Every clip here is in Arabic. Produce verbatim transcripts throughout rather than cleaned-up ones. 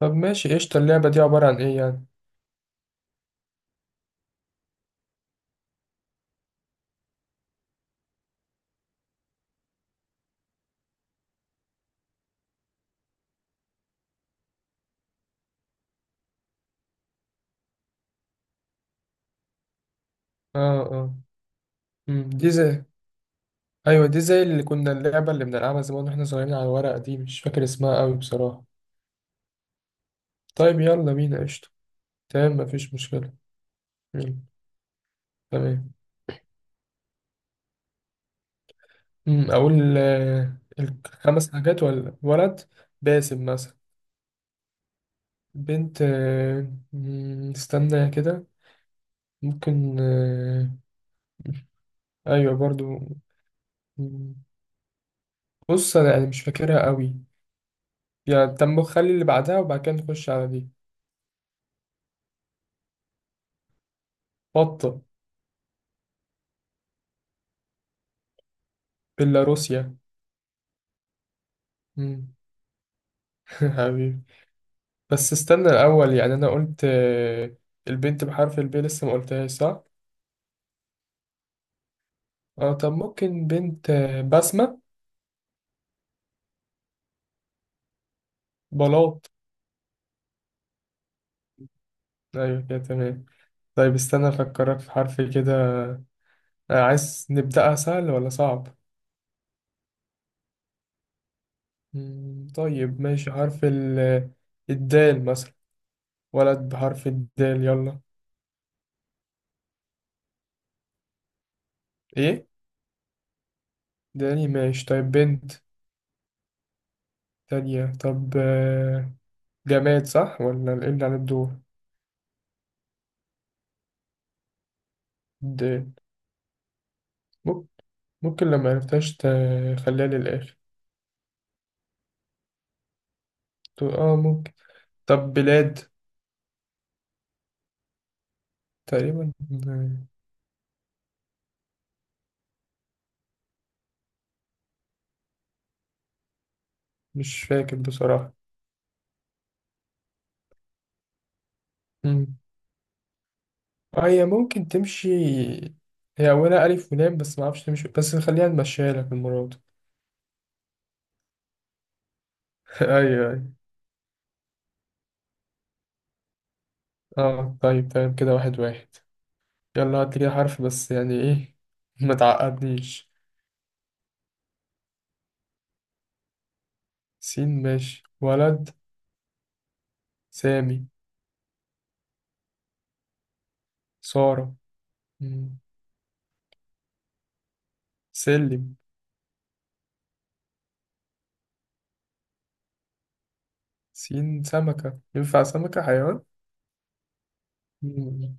طب ماشي قشطة. اللعبة دي عبارة عن ايه يعني؟ اه اه. أمم، دي زي ايوه، دي زي اللي كنا اللعبة اللي بنلعبها زمان واحنا صغيرين على الورق دي. مش فاكر اسمها قوي بصراحة. طيب يلا بينا قشطة. تمام مفيش مشكلة. أمم، تمام. أمم، اقول آه، الخمس حاجات ولا ولد؟ باسم مثلا. بنت آه، أمم، استنى كده. ممكن آه، ايوه برضو. أمم، بص انا يعني مش فاكرها قوي. يعني طب خلي اللي بعدها وبعد كده نخش على دي. بطة. بيلاروسيا. مم. حبيبي. بس استنى الأول، يعني أنا قلت آه، البنت بحرف الب لسه ما قلتهاش صح؟ اه طب ممكن بنت آه، بسمة. بلاط. أيوة كده تمام. طيب استنى أفكرك في حرف كده. آه، عايز نبدأها سهل ولا صعب؟ مم، طيب ماشي. حرف ال آه، الدال مثلا. ولد بحرف الدال يلا. إيه؟ داني ماشي. طيب بنت تانية. طب آه، جماد صح ولا إيه اللي على الدور؟ دال. ممكن لو ما عرفتهاش تخليها للآخر. تقول اه ممكن. طب بلاد. تقريبا. آه، مش فاكر بصراحة. مم. آه، هي ممكن تمشي. هي أولها ألف ولام بس ما أعرفش تمشي، بس خليها نمشيها لك المرة دي. أيوه أيوه. اه طيب تمام. كده واحد واحد. يلا هات لي كده حرف، بس يعني إيه؟ ما تعقدنيش. سين ماشي ولد. سامي. سارة. مم. سلم. سين سمكة، ينفع سمكة حيوان؟ مم.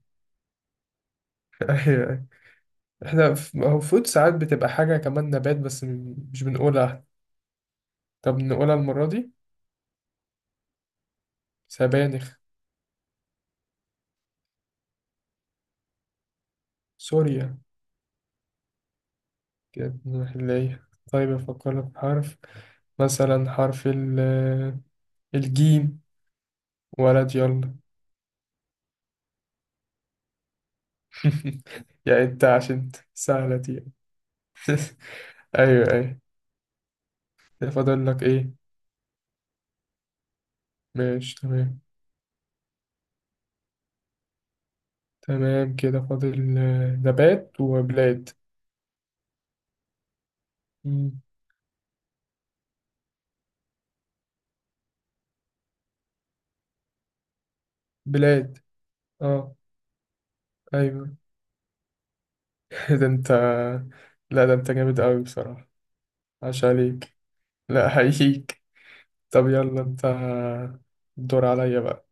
أيوه أيوه. احنا ف- المفروض ساعات بتبقى حاجة كمان نبات بس م- مش بنقولها. طب نقولها المرة دي. سبانخ. سوريا. كده نروح نلاقيها. طيب أفكر لك في حرف. مثلا حرف ال الجيم. ولد يلا. يا انت عشان سهلة دي. ايوه ايوه. كده فاضل لك ايه؟ ماشي تمام. تمام كده فاضل آه، نبات وبلاد. مم، بلاد اه ايوه. ده انت، لا ده انت جامد قوي بصراحة. عاش عليك. لا حقيقيك. طب يلا انت. الدور عليا بقى.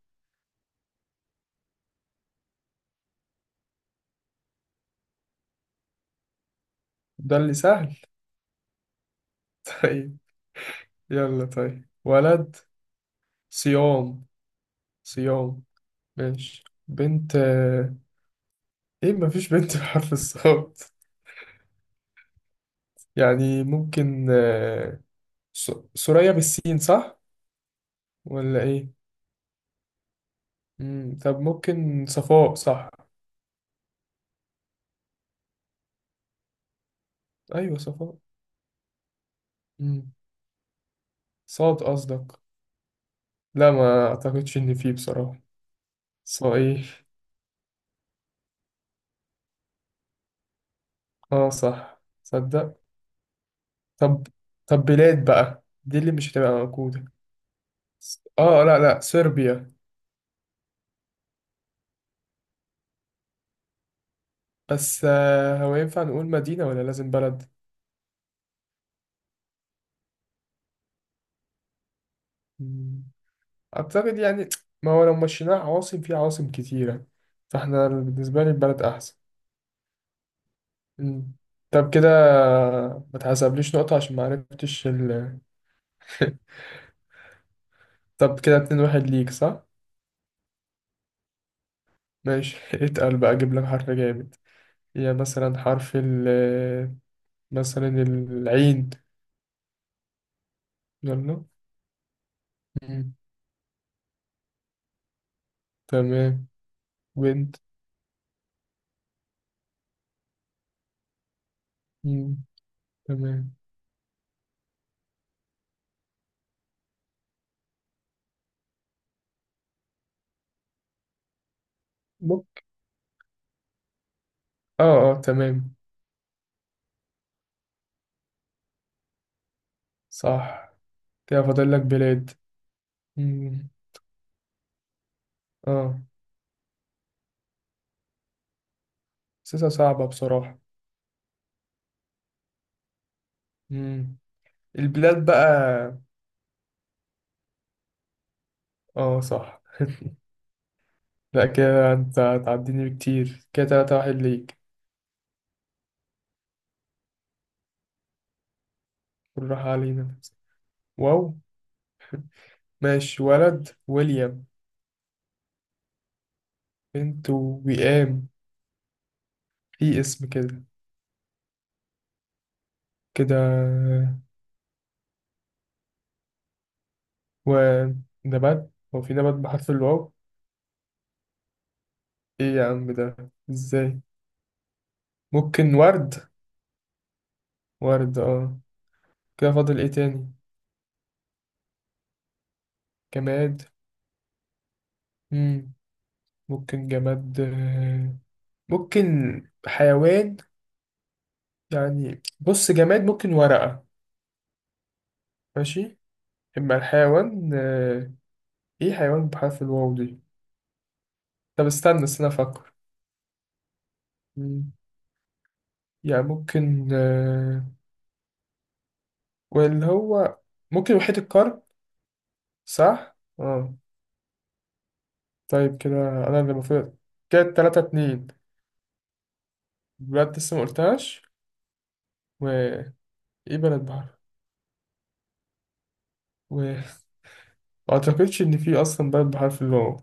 ده اللي سهل؟ طيب. يلا طيب ولد صيام. صيام ماشي. بنت آه، ايه، مفيش بنت بحرف الصاد؟ يعني ممكن آه، س- سوريا بالسين صح ولا ايه؟ مم. طب ممكن صفاء صح. ايوه صفاء. مم. صاد قصدك؟ لا ما اعتقدش ان فيه بصراحة. صا ايه؟ اه صح تصدق. طب طب بلاد بقى، دي اللي مش هتبقى موجودة. اه لا لا صربيا. بس آه، هو ينفع نقول مدينة ولا لازم بلد؟ مم، أعتقد يعني، ما هو لو مشيناها عواصم في عواصم كتيرة، فاحنا بالنسبة لي البلد أحسن. مم. طب كده ما تحسبليش نقطة عشان ما عرفتش ال... طب كده اتنين واحد ليك صح؟ ماشي. اتقل بقى، أجيب لك حرف جامد. يا مثلا حرف ال آه، مثلا العين. يلا. مم. تمام. وانت. مم. تمام. بوك. اه اه تمام. صح كده فاضل لك بلاد. مم. اه. حاسسها صعبة بصراحة. مم. البلاد بقى. اه صح. لا كده انت هتعديني بكتير. كده تلاتة واحد ليك. بالراحة علينا. واو ماشي ولد ويليام. بنت وئام، في اسم كده. كده ونبات، هو في نبات بحرف الواو؟ ايه يا عم ده؟ ازاي؟ ممكن ورد. ورد اه. كده فاضل ايه تاني؟ جماد. مم. ممكن جماد آه، ممكن حيوان. يعني بص جماد ممكن ورقة. ماشي. اما الحيوان آه، ايه حيوان بحرف الواو دي؟ طب استنى استنى افكر. مم. يعني ممكن آه، واللي هو ممكن وحيد القرن. صح اه. طيب كده انا اللي المفروض. كده تلاتة اتنين. بلاد لسه ما قلتهاش. وايه؟ بلد بحر و ما اعتقدش ان في اصلا بلد بحرف الواو.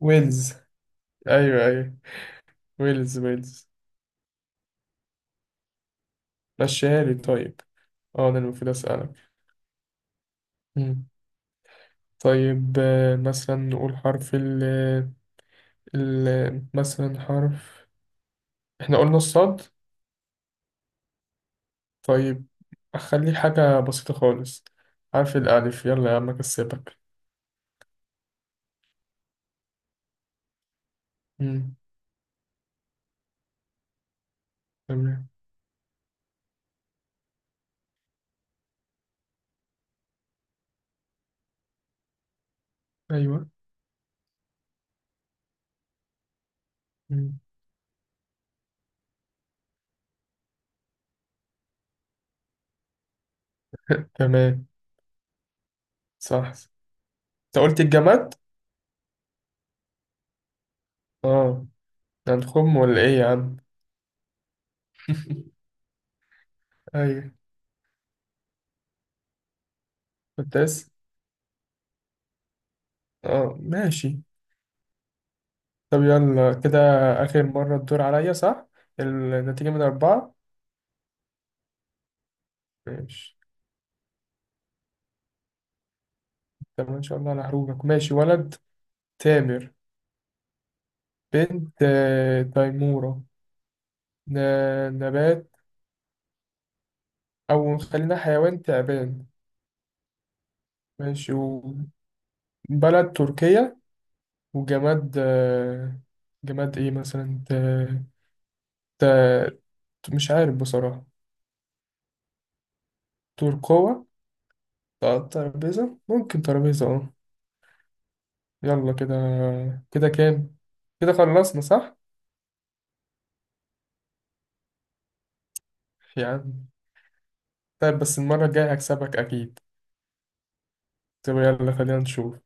ويلز. ايوه ايوه ويلز ويلز. مشيها لي طيب. اه انا المفروض اسالك. مم. طيب آه، مثلا نقول حرف ال ال مثلا حرف، احنا قلنا الصاد. طيب اخلي حاجة بسيطة خالص. حرف الالف يلا يا عم اكسبك. مم. تمام. ايوه. مم. تمام. صح انت قلت الجماد. اه. ده هنخم ولا ايه يا عم؟ ايوه كنت لسه. اه ماشي. طب يلا كده آخر مرة الدور عليا صح؟ النتيجة من أربعة. ماشي. طب إن شاء الله أنا هروبك. ماشي ولد تامر. بنت آه، تيمورة. ن- نبات، أو خلينا حيوان تعبان. ماشي وبلد تركيا. وجماد آه، جماد إيه مثلا ت... ت... مش عارف بصراحة. تركوة. ت- ترابيزة، ممكن ترابيزة اه. يلا كده كده كام؟ كده خلصنا صح؟ يا عم طيب بس المرة الجاية هكسبك أكيد. طب يلا خلينا نشوف.